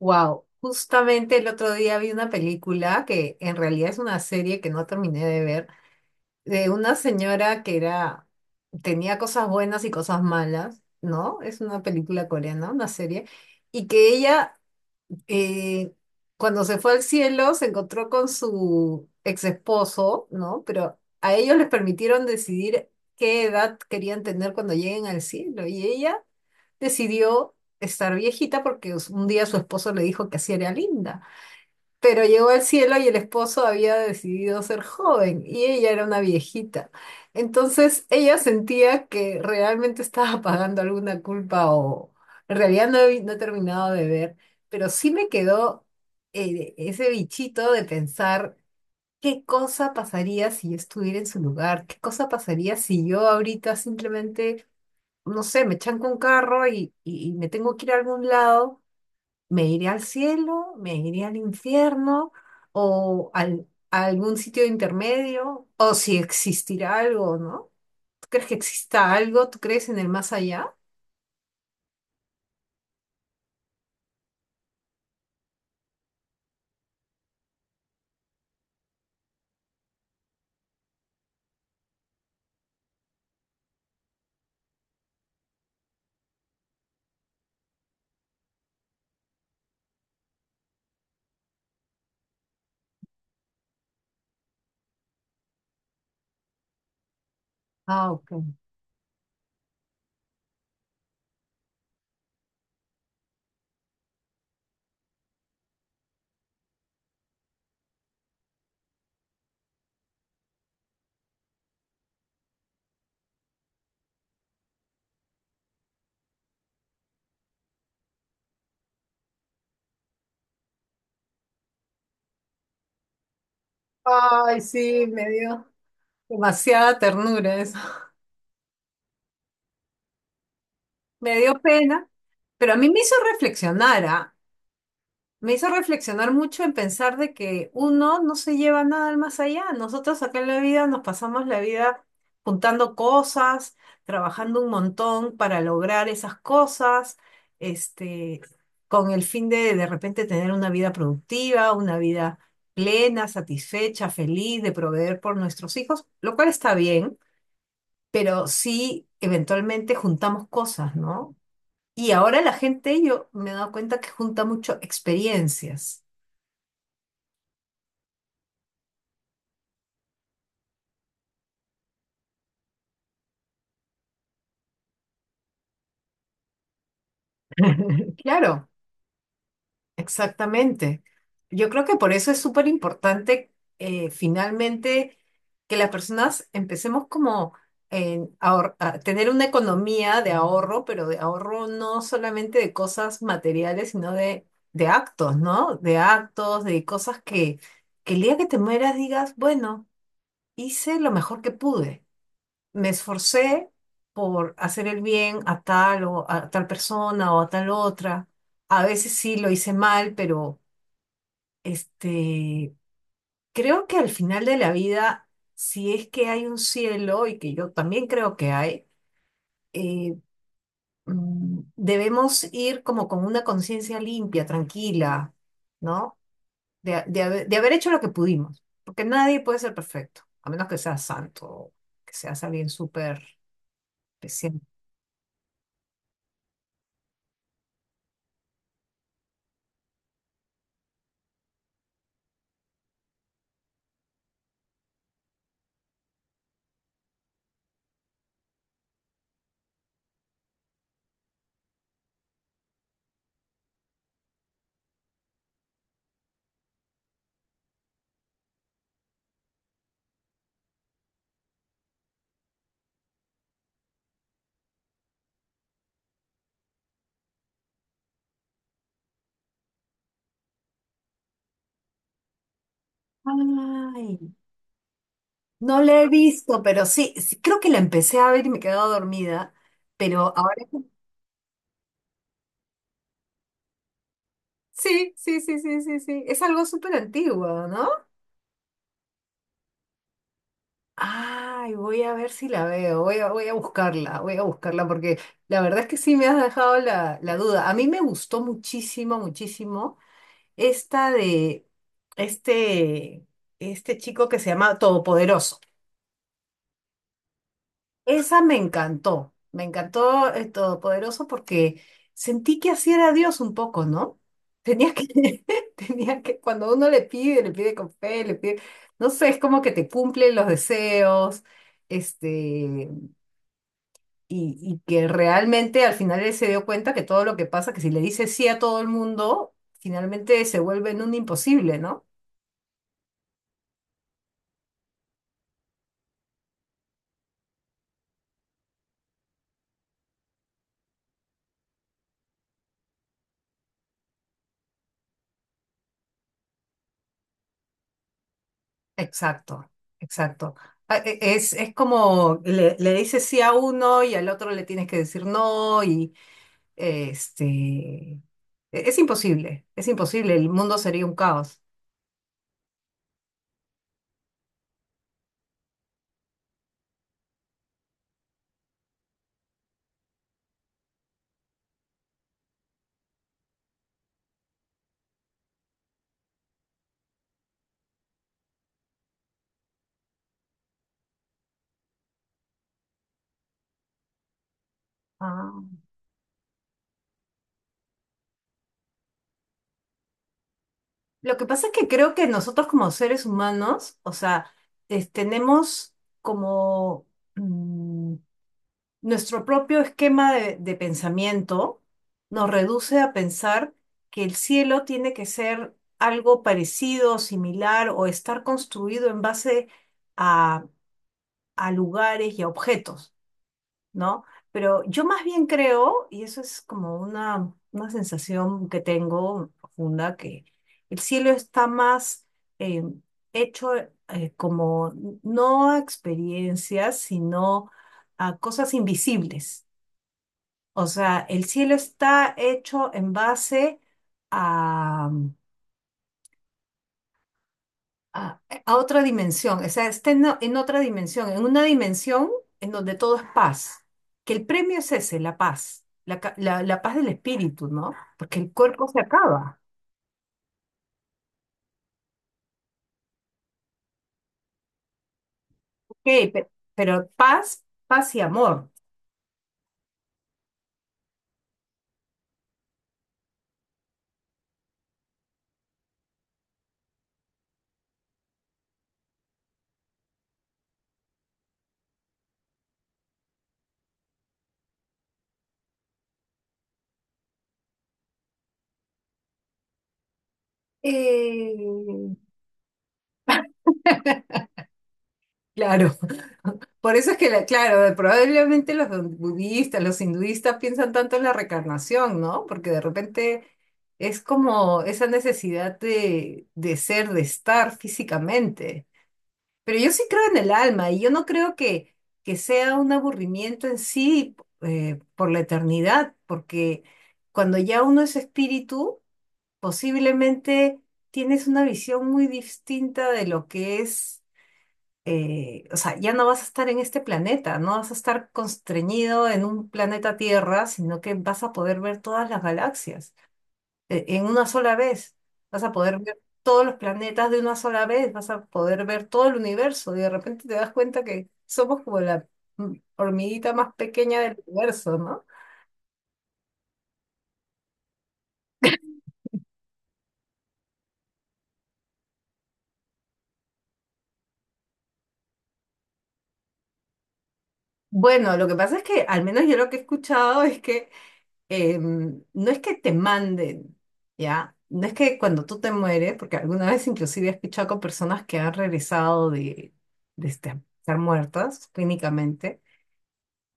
Wow, justamente el otro día vi una película que en realidad es una serie que no terminé de ver, de una señora que era, tenía cosas buenas y cosas malas, ¿no? Es una película coreana, una serie, y que ella eh, cuando se fue al cielo se encontró con su ex esposo, ¿no? Pero a ellos les permitieron decidir qué edad querían tener cuando lleguen al cielo, y ella decidió estar viejita porque un día su esposo le dijo que así era linda. Pero llegó al cielo y el esposo había decidido ser joven y ella era una viejita. Entonces ella sentía que realmente estaba pagando alguna culpa o en realidad no he terminado de ver, pero sí me quedó ese bichito de pensar. ¿Qué cosa pasaría si yo estuviera en su lugar? ¿Qué cosa pasaría si yo ahorita simplemente no sé, me chanco un carro y me tengo que ir a algún lado, me iré al cielo, me iré al infierno o a algún sitio intermedio, o si existirá algo, ¿no? ¿Tú crees que exista algo? ¿Tú crees en el más allá? Ah, ok. Ay, sí, me dio demasiada ternura eso. Me dio pena, pero a mí me hizo reflexionar, ¿ah? Me hizo reflexionar mucho en pensar de que uno no se lleva nada al más allá. Nosotros acá en la vida nos pasamos la vida juntando cosas, trabajando un montón para lograr esas cosas, este, con el fin de repente tener una vida productiva, una vida plena, satisfecha, feliz, de proveer por nuestros hijos, lo cual está bien, pero sí eventualmente juntamos cosas, ¿no? Y ahora la gente, yo me he dado cuenta que junta mucho experiencias. Claro, exactamente. Yo creo que por eso es súper importante finalmente que las personas empecemos como a tener una economía de ahorro, pero de ahorro no solamente de cosas materiales, sino de actos, ¿no? De actos, de cosas que el día que te mueras digas, bueno, hice lo mejor que pude, me esforcé por hacer el bien a tal o a tal persona o a tal otra. A veces sí lo hice mal, pero este, creo que al final de la vida, si es que hay un cielo, y que yo también creo que hay, eh, debemos ir como con una conciencia limpia, tranquila, ¿no? De haber hecho lo que pudimos, porque nadie puede ser perfecto, a menos que sea santo, que seas alguien súper especial. Ay, no la he visto, pero sí, sí, creo que la empecé a ver y me he quedado dormida, pero ahora... Sí, sí, sí, sí, sí, sí. Es algo súper antiguo, ¿no? Ay, voy a ver si la veo, voy a, voy a buscarla porque la verdad es que sí me has dejado la, la duda. A mí me gustó muchísimo, muchísimo esta de este, este chico que se llama Todopoderoso. Esa me encantó el Todopoderoso porque sentí que así era Dios un poco, ¿no? Tenía que, tenía que, cuando uno le pide con fe, le pide, no sé, es como que te cumplen los deseos, este, y que realmente al final él se dio cuenta que todo lo que pasa, que si le dice sí a todo el mundo, finalmente se vuelve en un imposible, ¿no? Exacto, exacto. Es como le dices sí a uno y al otro le tienes que decir no y este e- es imposible, el mundo sería un caos. Ah. Lo que pasa es que creo que nosotros como seres humanos, o sea, tenemos como mm, nuestro propio esquema de pensamiento nos reduce a pensar que el cielo tiene que ser algo parecido, similar o estar construido en base a, a lugares y a objetos, ¿no? Pero yo más bien creo, y eso es como una sensación que tengo profunda, que el cielo está más eh, hecho como no a experiencias, sino a cosas invisibles. O sea, el cielo está hecho en base a, a, a otra dimensión, o sea, está en, en otra dimensión, en una dimensión en donde todo es paz, que el premio es ese, la paz, la paz del espíritu, ¿no? Porque el cuerpo se acaba, ok, pe- pero, paz, paz y amor. Eh, Claro, por eso es que, claro, probablemente los budistas, los hinduistas piensan tanto en la reencarnación, ¿no? Porque de repente es como esa necesidad de ser, de estar físicamente. Pero yo sí creo en el alma y yo no creo que sea un aburrimiento en sí por la eternidad, porque cuando ya uno es espíritu, posiblemente tienes una visión muy distinta de lo que es o sea, ya no vas a estar en este planeta, no vas a estar constreñido en un planeta Tierra, sino que vas a poder ver todas las galaxias en una sola vez. Vas a poder ver todos los planetas de una sola vez, vas a poder ver todo el universo y de repente te das cuenta que somos como la hormiguita más pequeña del universo, ¿no? Bueno, lo que pasa es que al menos yo lo que he escuchado es que no es que te manden, ¿ya? No es que cuando tú te mueres, porque alguna vez inclusive he escuchado con personas que han regresado de, estar muertas clínicamente,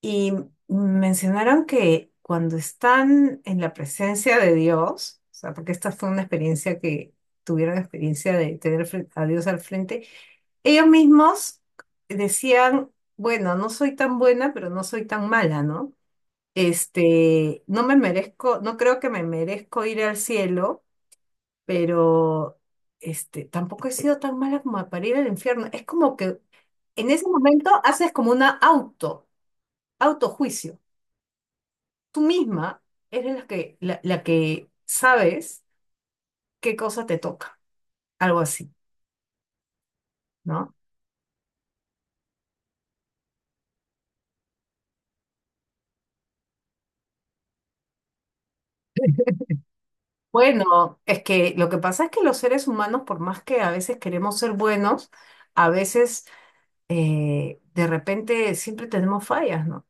y mencionaron que cuando están en la presencia de Dios, o sea, porque esta fue una experiencia que tuvieron la experiencia de tener a Dios al frente, ellos mismos decían, bueno, no soy tan buena, pero no soy tan mala, ¿no? Este, no me merezco, no creo que me merezco ir al cielo, pero este, tampoco he sido tan mala como para ir al infierno. Es como que en ese momento haces como una auto, autojuicio. Tú misma eres la que, la que sabes qué cosa te toca, algo así, ¿no? Bueno, es que lo que pasa es que los seres humanos, por más que a veces queremos ser buenos, a veces de repente siempre tenemos fallas, ¿no?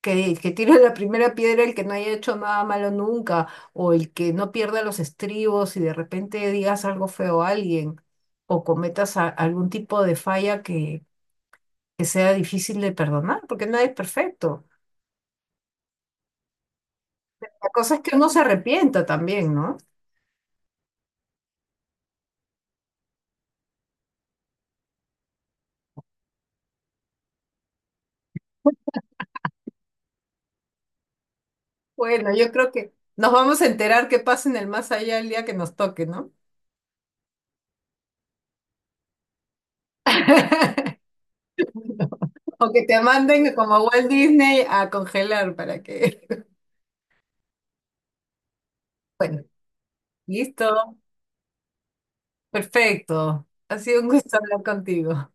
Que tire la primera piedra el que no haya hecho nada malo nunca, o el que no pierda los estribos y de repente digas algo feo a alguien, o cometas algún tipo de falla que sea difícil de perdonar, porque nadie es perfecto. La cosa es que uno se arrepienta también, ¿no? Bueno, yo creo que nos vamos a enterar qué pasa en el más allá el día que nos toque, ¿no? O que te manden como a Walt Disney a congelar para que... Bueno, listo, perfecto. Ha sido un gusto hablar contigo.